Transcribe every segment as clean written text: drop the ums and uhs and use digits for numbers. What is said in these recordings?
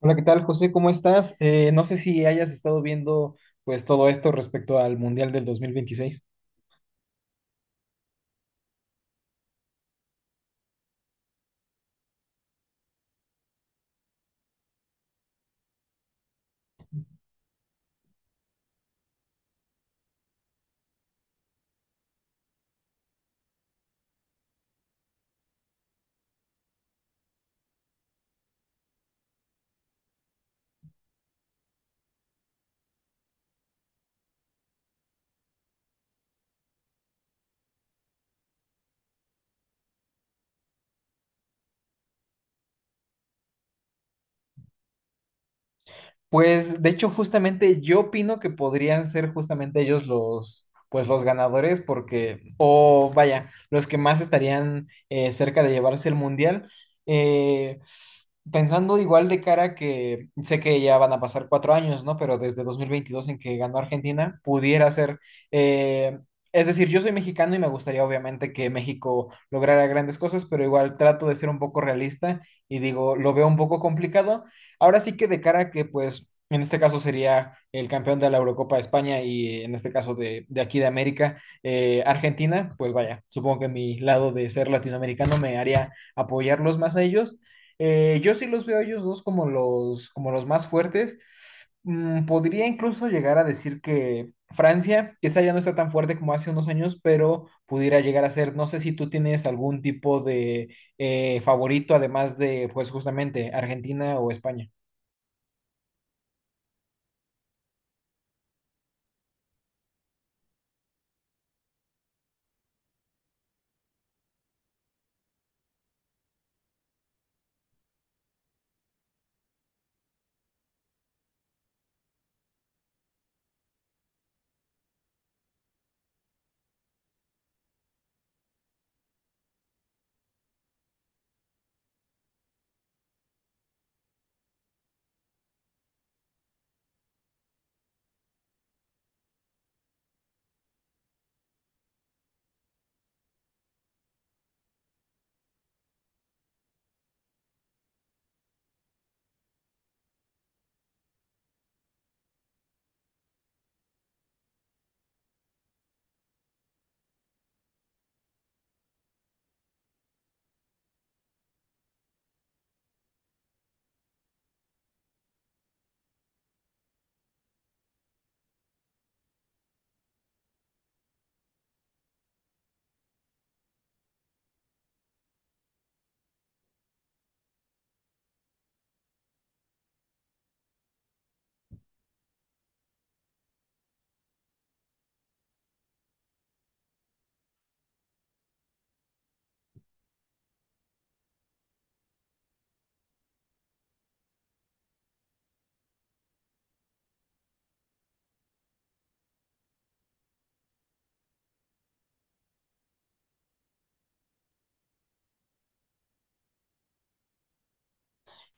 Hola, ¿qué tal, José? ¿Cómo estás? No sé si hayas estado viendo pues todo esto respecto al Mundial del 2026. Pues de hecho, justamente yo opino que podrían ser justamente ellos los, pues los ganadores, porque, o vaya, los que más estarían cerca de llevarse el mundial. Eh, Pensando igual de cara que sé que ya van a pasar 4 años, ¿no? Pero desde 2022 en que ganó Argentina, pudiera ser. eh, es decir, yo soy mexicano y me gustaría obviamente que México lograra grandes cosas, pero igual trato de ser un poco realista y digo, lo veo un poco complicado. Ahora sí que de cara a que, pues, en este caso sería el campeón de la Eurocopa de España y en este caso de aquí de América, Argentina, pues vaya, supongo que mi lado de ser latinoamericano me haría apoyarlos más a ellos. Yo sí los veo a ellos dos como los más fuertes. Mm, podría incluso llegar a decir que Francia, quizá ya no está tan fuerte como hace unos años, pero pudiera llegar a ser, no sé si tú tienes algún tipo de favorito, además de, pues justamente, Argentina o España.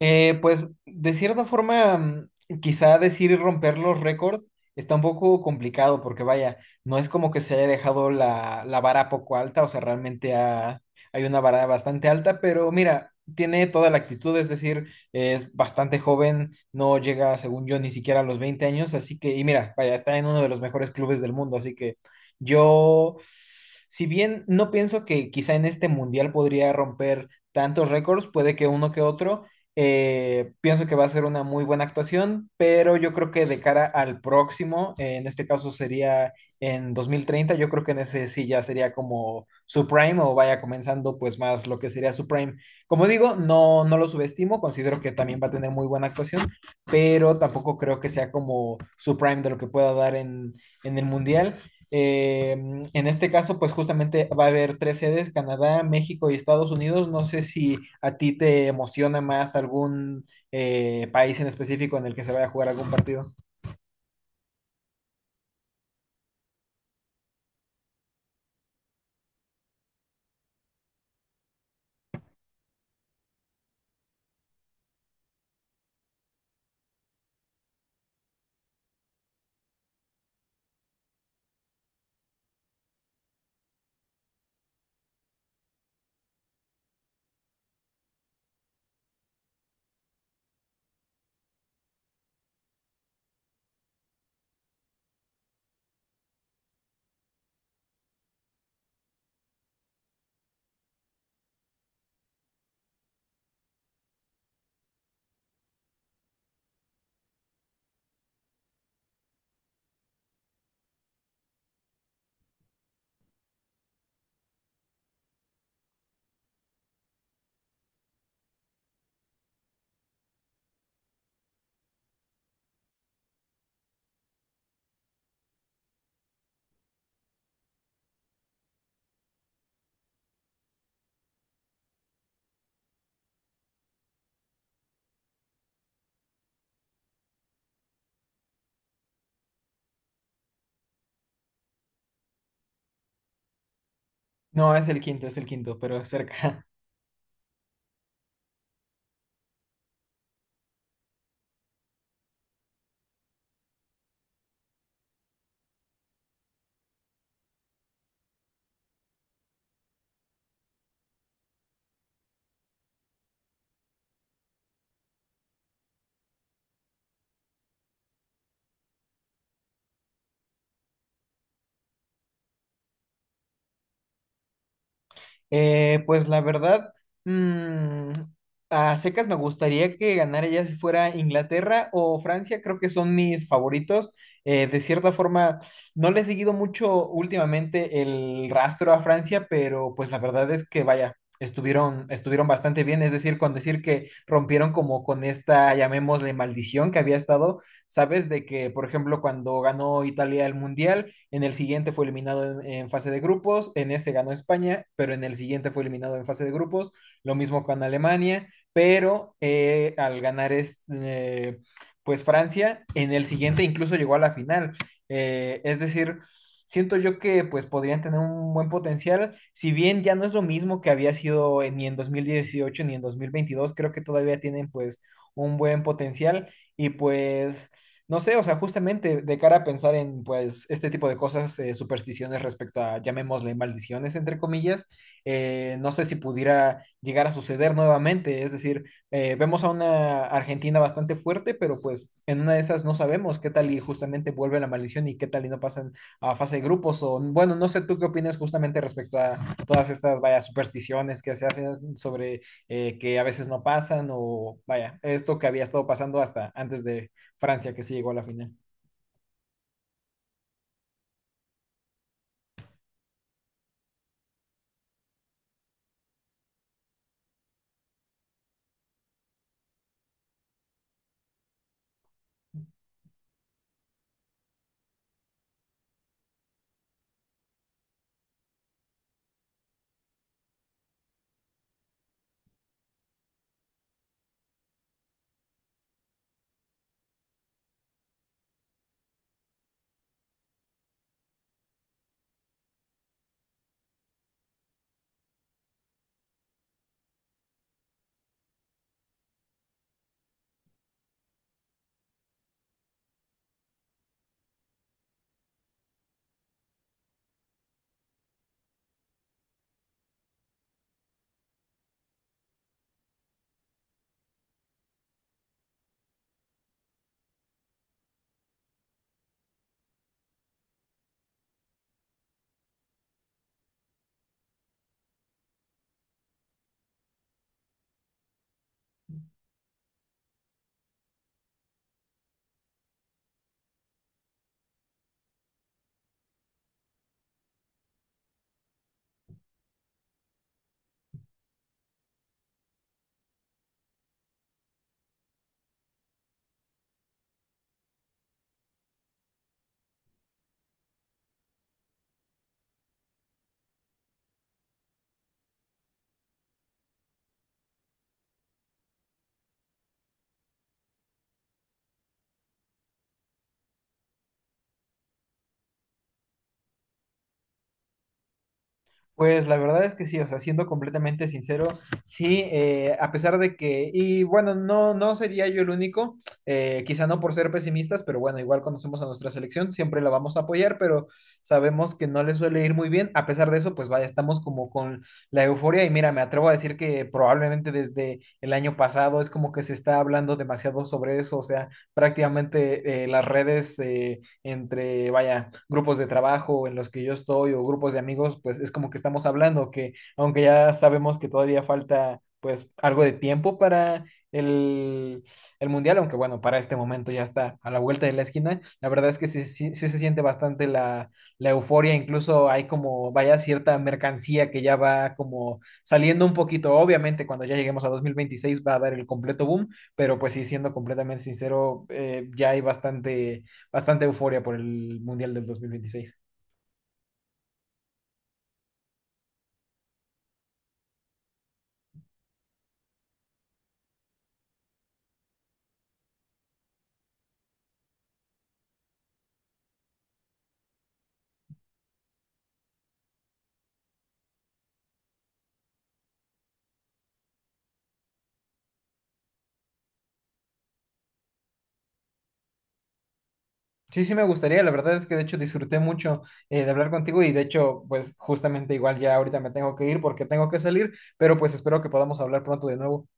Pues de cierta forma, mm, quizá decir y romper los récords está un poco complicado porque vaya, no es como que se haya dejado la, la vara poco alta, o sea, hay una vara bastante alta, pero mira, tiene toda la actitud, es decir, es bastante joven, no llega, según yo, ni siquiera a los 20 años, así que, y mira, vaya, está en uno de los mejores clubes del mundo, así que yo, si bien no pienso que quizá en este mundial podría romper tantos récords, puede que uno que otro. Pienso que va a ser una muy buena actuación, pero yo creo que de cara al próximo, en este caso sería en 2030, yo creo que en ese sí ya sería como su prime o vaya comenzando pues más lo que sería su prime. Como digo, no, no lo subestimo, considero que también va a tener muy buena actuación, pero tampoco creo que sea como su prime de lo que pueda dar en el mundial. Eh, en este caso, pues justamente va a haber tres sedes, Canadá, México y Estados Unidos. No sé si a ti te emociona más algún país en específico en el que se vaya a jugar algún partido. No, es el quinto, pero es cerca. Pues la verdad, mm, a secas me gustaría que ganara ya si fuera Inglaterra o Francia, creo que son mis favoritos. De cierta forma, no le he seguido mucho últimamente el rastro a Francia, pero pues la verdad es que vaya, estuvieron bastante bien, es decir, con decir que rompieron como con esta, llamémosle, maldición que había estado, ¿sabes? De que, por ejemplo, cuando ganó Italia el Mundial en el siguiente fue eliminado en fase de grupos, en ese ganó España, pero en el siguiente fue eliminado en fase de grupos, lo mismo con Alemania, pero al ganar pues Francia, en el siguiente incluso llegó a la final. Es decir, siento yo que pues podrían tener un buen potencial, si bien ya no es lo mismo que había sido en, ni en 2018 ni en 2022, creo que todavía tienen pues un buen potencial y pues no sé, o sea, justamente de cara a pensar en, pues, este tipo de cosas, supersticiones respecto a, llamémosle, maldiciones, entre comillas, no sé si pudiera llegar a suceder nuevamente. Es decir, vemos a una Argentina bastante fuerte, pero pues en una de esas no sabemos qué tal y justamente vuelve la maldición y qué tal y no pasan a fase de grupos. O, bueno, no sé tú qué opinas justamente respecto a todas estas, vaya, supersticiones que se hacen sobre que a veces no pasan o, vaya, esto que había estado pasando hasta antes de Francia, que sí llegó a la final. Pues la verdad es que sí, o sea, siendo completamente sincero, sí, a pesar de que, y bueno, no, no sería yo el único, quizá no por ser pesimistas, pero bueno, igual conocemos a nuestra selección, siempre la vamos a apoyar, pero sabemos que no le suele ir muy bien, a pesar de eso, pues vaya, estamos como con la euforia y mira, me atrevo a decir que probablemente desde el año pasado es como que se está hablando demasiado sobre eso, o sea, prácticamente las redes entre, vaya, grupos de trabajo en los que yo estoy o grupos de amigos, pues es como que estamos hablando que aunque ya sabemos que todavía falta pues algo de tiempo para el, el mundial, aunque bueno, para este momento ya está a la vuelta de la esquina, la verdad es que sí, sí se siente bastante la, la euforia, incluso hay como, vaya, cierta mercancía que ya va como saliendo un poquito, obviamente cuando ya lleguemos a 2026 va a dar el completo boom, pero pues sí, siendo completamente sincero, ya hay bastante euforia por el Mundial del 2026. Sí, sí me gustaría, la verdad es que de hecho disfruté mucho de hablar contigo y de hecho pues justamente igual ya ahorita me tengo que ir porque tengo que salir, pero pues espero que podamos hablar pronto de nuevo.